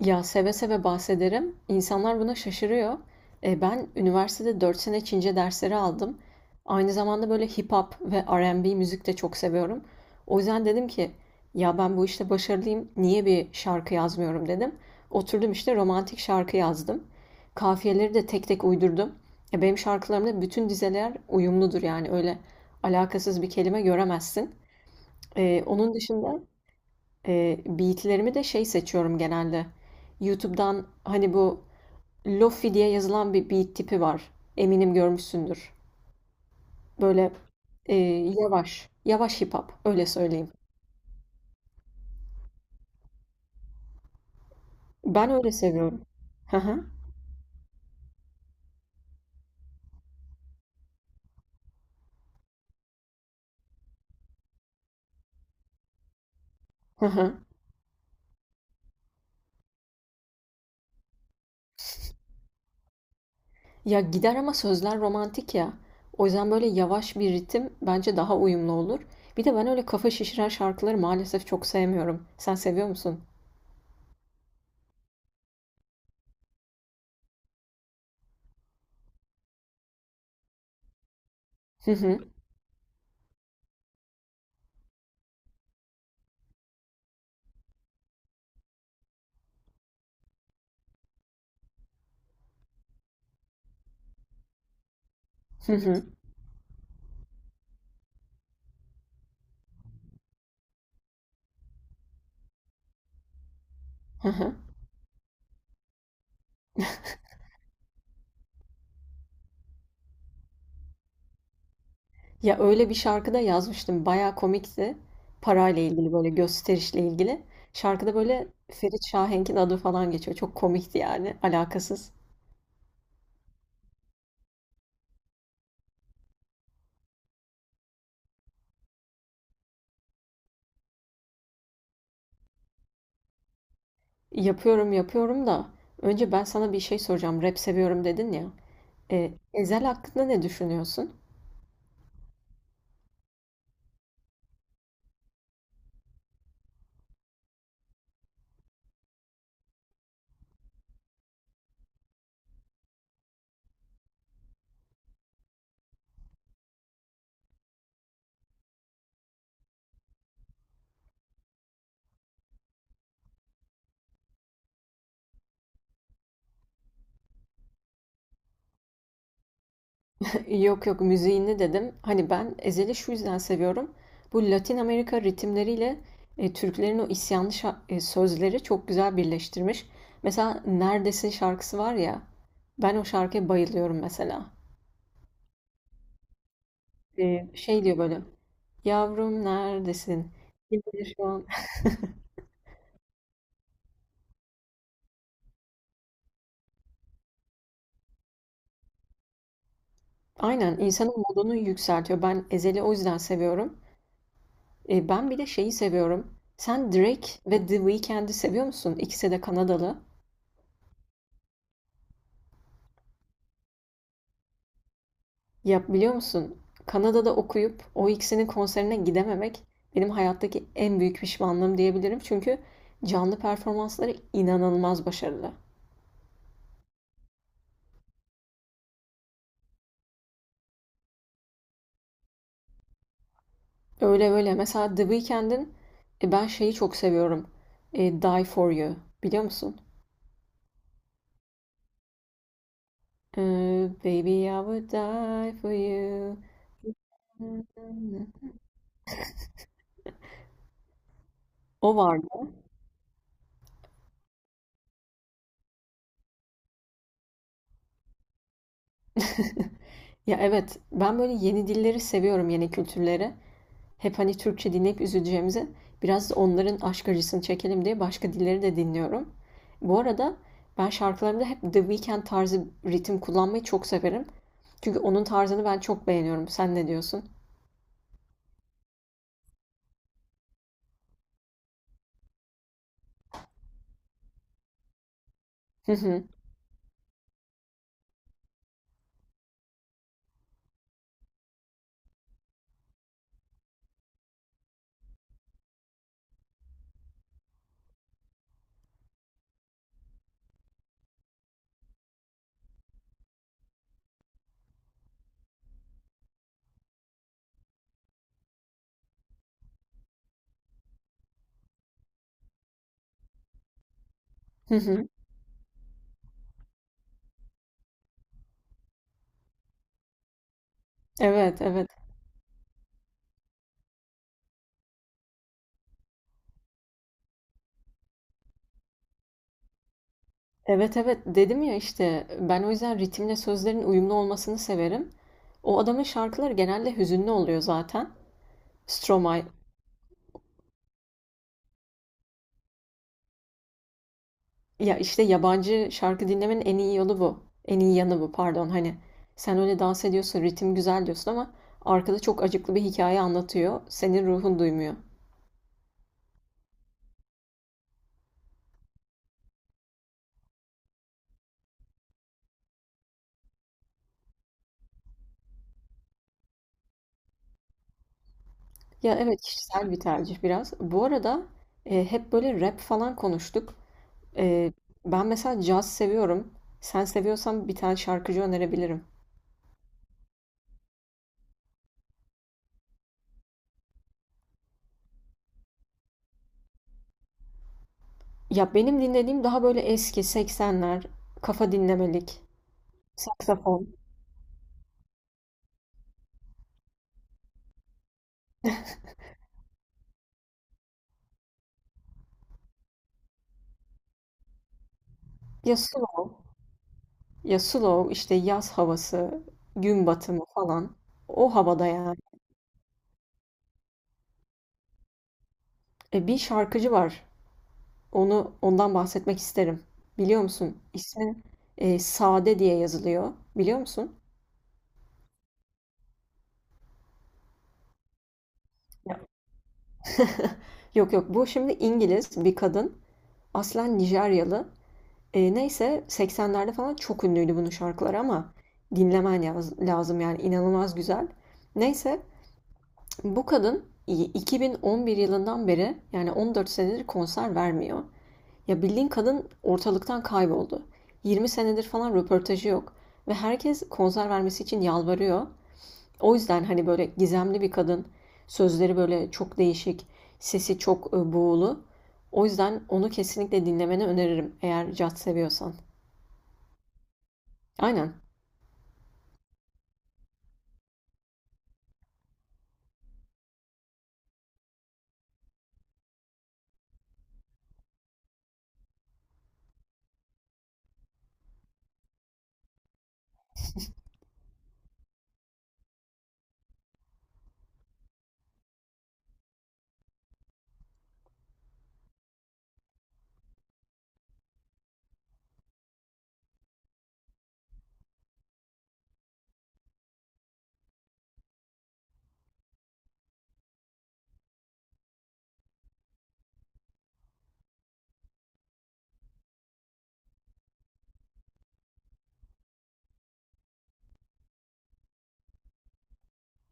Ya seve seve bahsederim. İnsanlar buna şaşırıyor. Ben üniversitede 4 sene Çince dersleri aldım. Aynı zamanda böyle hip hop ve R&B müzik de çok seviyorum. O yüzden dedim ki ya ben bu işte başarılıyım. Niye bir şarkı yazmıyorum dedim. Oturdum işte romantik şarkı yazdım. Kafiyeleri de tek tek uydurdum. Benim şarkılarımda bütün dizeler uyumludur yani öyle alakasız bir kelime göremezsin. Onun dışında beat'lerimi de şey seçiyorum genelde. YouTube'dan hani bu Lofi diye yazılan bir beat tipi var. Eminim görmüşsündür. Böyle yavaş, yavaş hip hop öyle söyleyeyim. Ben öyle seviyorum. Hı hı, hı hı. Ya gider ama sözler romantik ya. O yüzden böyle yavaş bir ritim bence daha uyumlu olur. Bir de ben öyle kafa şişiren şarkıları maalesef çok sevmiyorum. Sen seviyor musun? Hı hı, hı hı, hı hı. Ya öyle bir şarkıda yazmıştım. Bayağı komikti. Parayla ilgili böyle gösterişle ilgili. Şarkıda böyle Ferit Şahenk'in adı falan geçiyor. Çok komikti yani alakasız. Yapıyorum yapıyorum da önce ben sana bir şey soracağım. Rap seviyorum dedin ya. Ezel hakkında ne düşünüyorsun? Yok yok müziğini dedim. Hani ben Ezel'i şu yüzden seviyorum. Bu Latin Amerika ritimleriyle Türklerin o isyanlı sözleri çok güzel birleştirmiş. Mesela Neredesin şarkısı var ya. Ben o şarkıya bayılıyorum mesela. Şey diyor böyle. Yavrum neredesin? Kim bilir şu an. Aynen insanın modunu yükseltiyor. Ben Ezel'i o yüzden seviyorum. Ben bir de şeyi seviyorum. Sen Drake ve The Weeknd'i seviyor musun? İkisi de Kanadalı. Ya biliyor musun? Kanada'da okuyup o ikisinin konserine gidememek benim hayattaki en büyük pişmanlığım diyebilirim. Çünkü canlı performansları inanılmaz başarılı. Öyle öyle. Mesela The Weeknd'in ben şeyi çok seviyorum. Die For You. Biliyor musun? E, Baby I would die for you. O vardı. Ya evet, ben böyle yeni dilleri seviyorum, yeni kültürleri. Hep hani Türkçe dinleyip üzüleceğimize biraz onların aşk acısını çekelim diye başka dilleri de dinliyorum. Bu arada ben şarkılarımda hep The Weeknd tarzı ritim kullanmayı çok severim. Çünkü onun tarzını ben çok beğeniyorum. Sen ne diyorsun? Hı hı. Hı hı. Evet, evet. Evet, evet. Dedim ya işte ben o yüzden ritimle sözlerin uyumlu olmasını severim. O adamın şarkıları genelde hüzünlü oluyor zaten. Stromae. Ya işte yabancı şarkı dinlemenin en iyi yolu bu. En iyi yanı bu pardon. Hani sen öyle dans ediyorsun, ritim güzel diyorsun ama arkada çok acıklı bir hikaye anlatıyor. Senin ruhun duymuyor. Ya evet kişisel bir tercih biraz. Bu arada hep böyle rap falan konuştuk. E, Ben mesela caz seviyorum. Sen seviyorsan bir tane şarkıcı önerebilirim. Ya benim dinlediğim daha böyle eski 80'ler, kafa dinlemelik, saksafon. Ya slow. Ya slow işte yaz havası, gün batımı falan. O havada yani. Bir şarkıcı var. Ondan bahsetmek isterim. Biliyor musun? İsmi Sade diye yazılıyor. Biliyor musun? Ya. Yok yok bu şimdi İngiliz bir kadın. Aslen Nijeryalı. Neyse 80'lerde falan çok ünlüydü bunun şarkıları ama lazım yani inanılmaz güzel. Neyse bu kadın 2011 yılından beri yani 14 senedir konser vermiyor. Ya bildiğin kadın ortalıktan kayboldu. 20 senedir falan röportajı yok. Ve herkes konser vermesi için yalvarıyor. O yüzden hani böyle gizemli bir kadın. Sözleri böyle çok değişik. Sesi çok buğulu. O yüzden onu kesinlikle dinlemeni öneririm eğer caz seviyorsan. Aynen.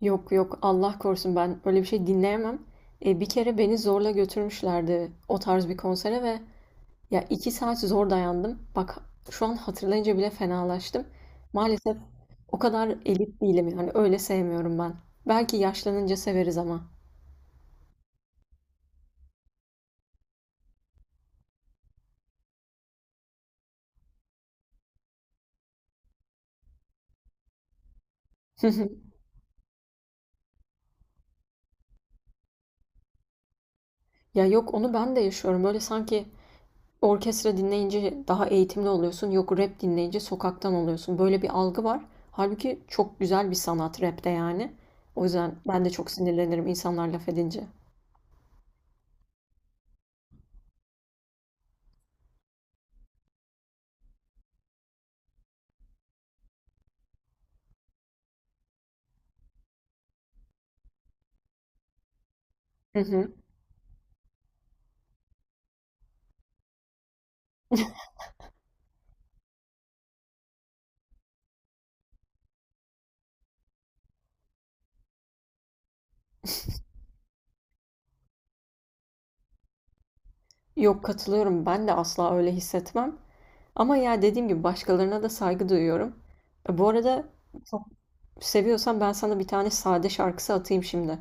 Yok yok Allah korusun ben öyle bir şey dinleyemem. Bir kere beni zorla götürmüşlerdi o tarz bir konsere ve ya 2 saat zor dayandım. Bak şu an hatırlayınca bile fenalaştım. Maalesef o kadar elit değilim yani öyle sevmiyorum ben. Belki yaşlanınca severiz ama. Ya yok onu ben de yaşıyorum. Böyle sanki orkestra dinleyince daha eğitimli oluyorsun. Yok rap dinleyince sokaktan oluyorsun. Böyle bir algı var. Halbuki çok güzel bir sanat rapte yani. O yüzden ben de çok sinirlenirim insanlar laf edince. Hı hı. Yok katılıyorum. Ben de asla öyle hissetmem. Ama ya dediğim gibi başkalarına da saygı duyuyorum. Bu arada çok seviyorsan ben sana bir tane sade şarkısı atayım şimdi.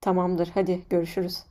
Tamamdır, hadi görüşürüz.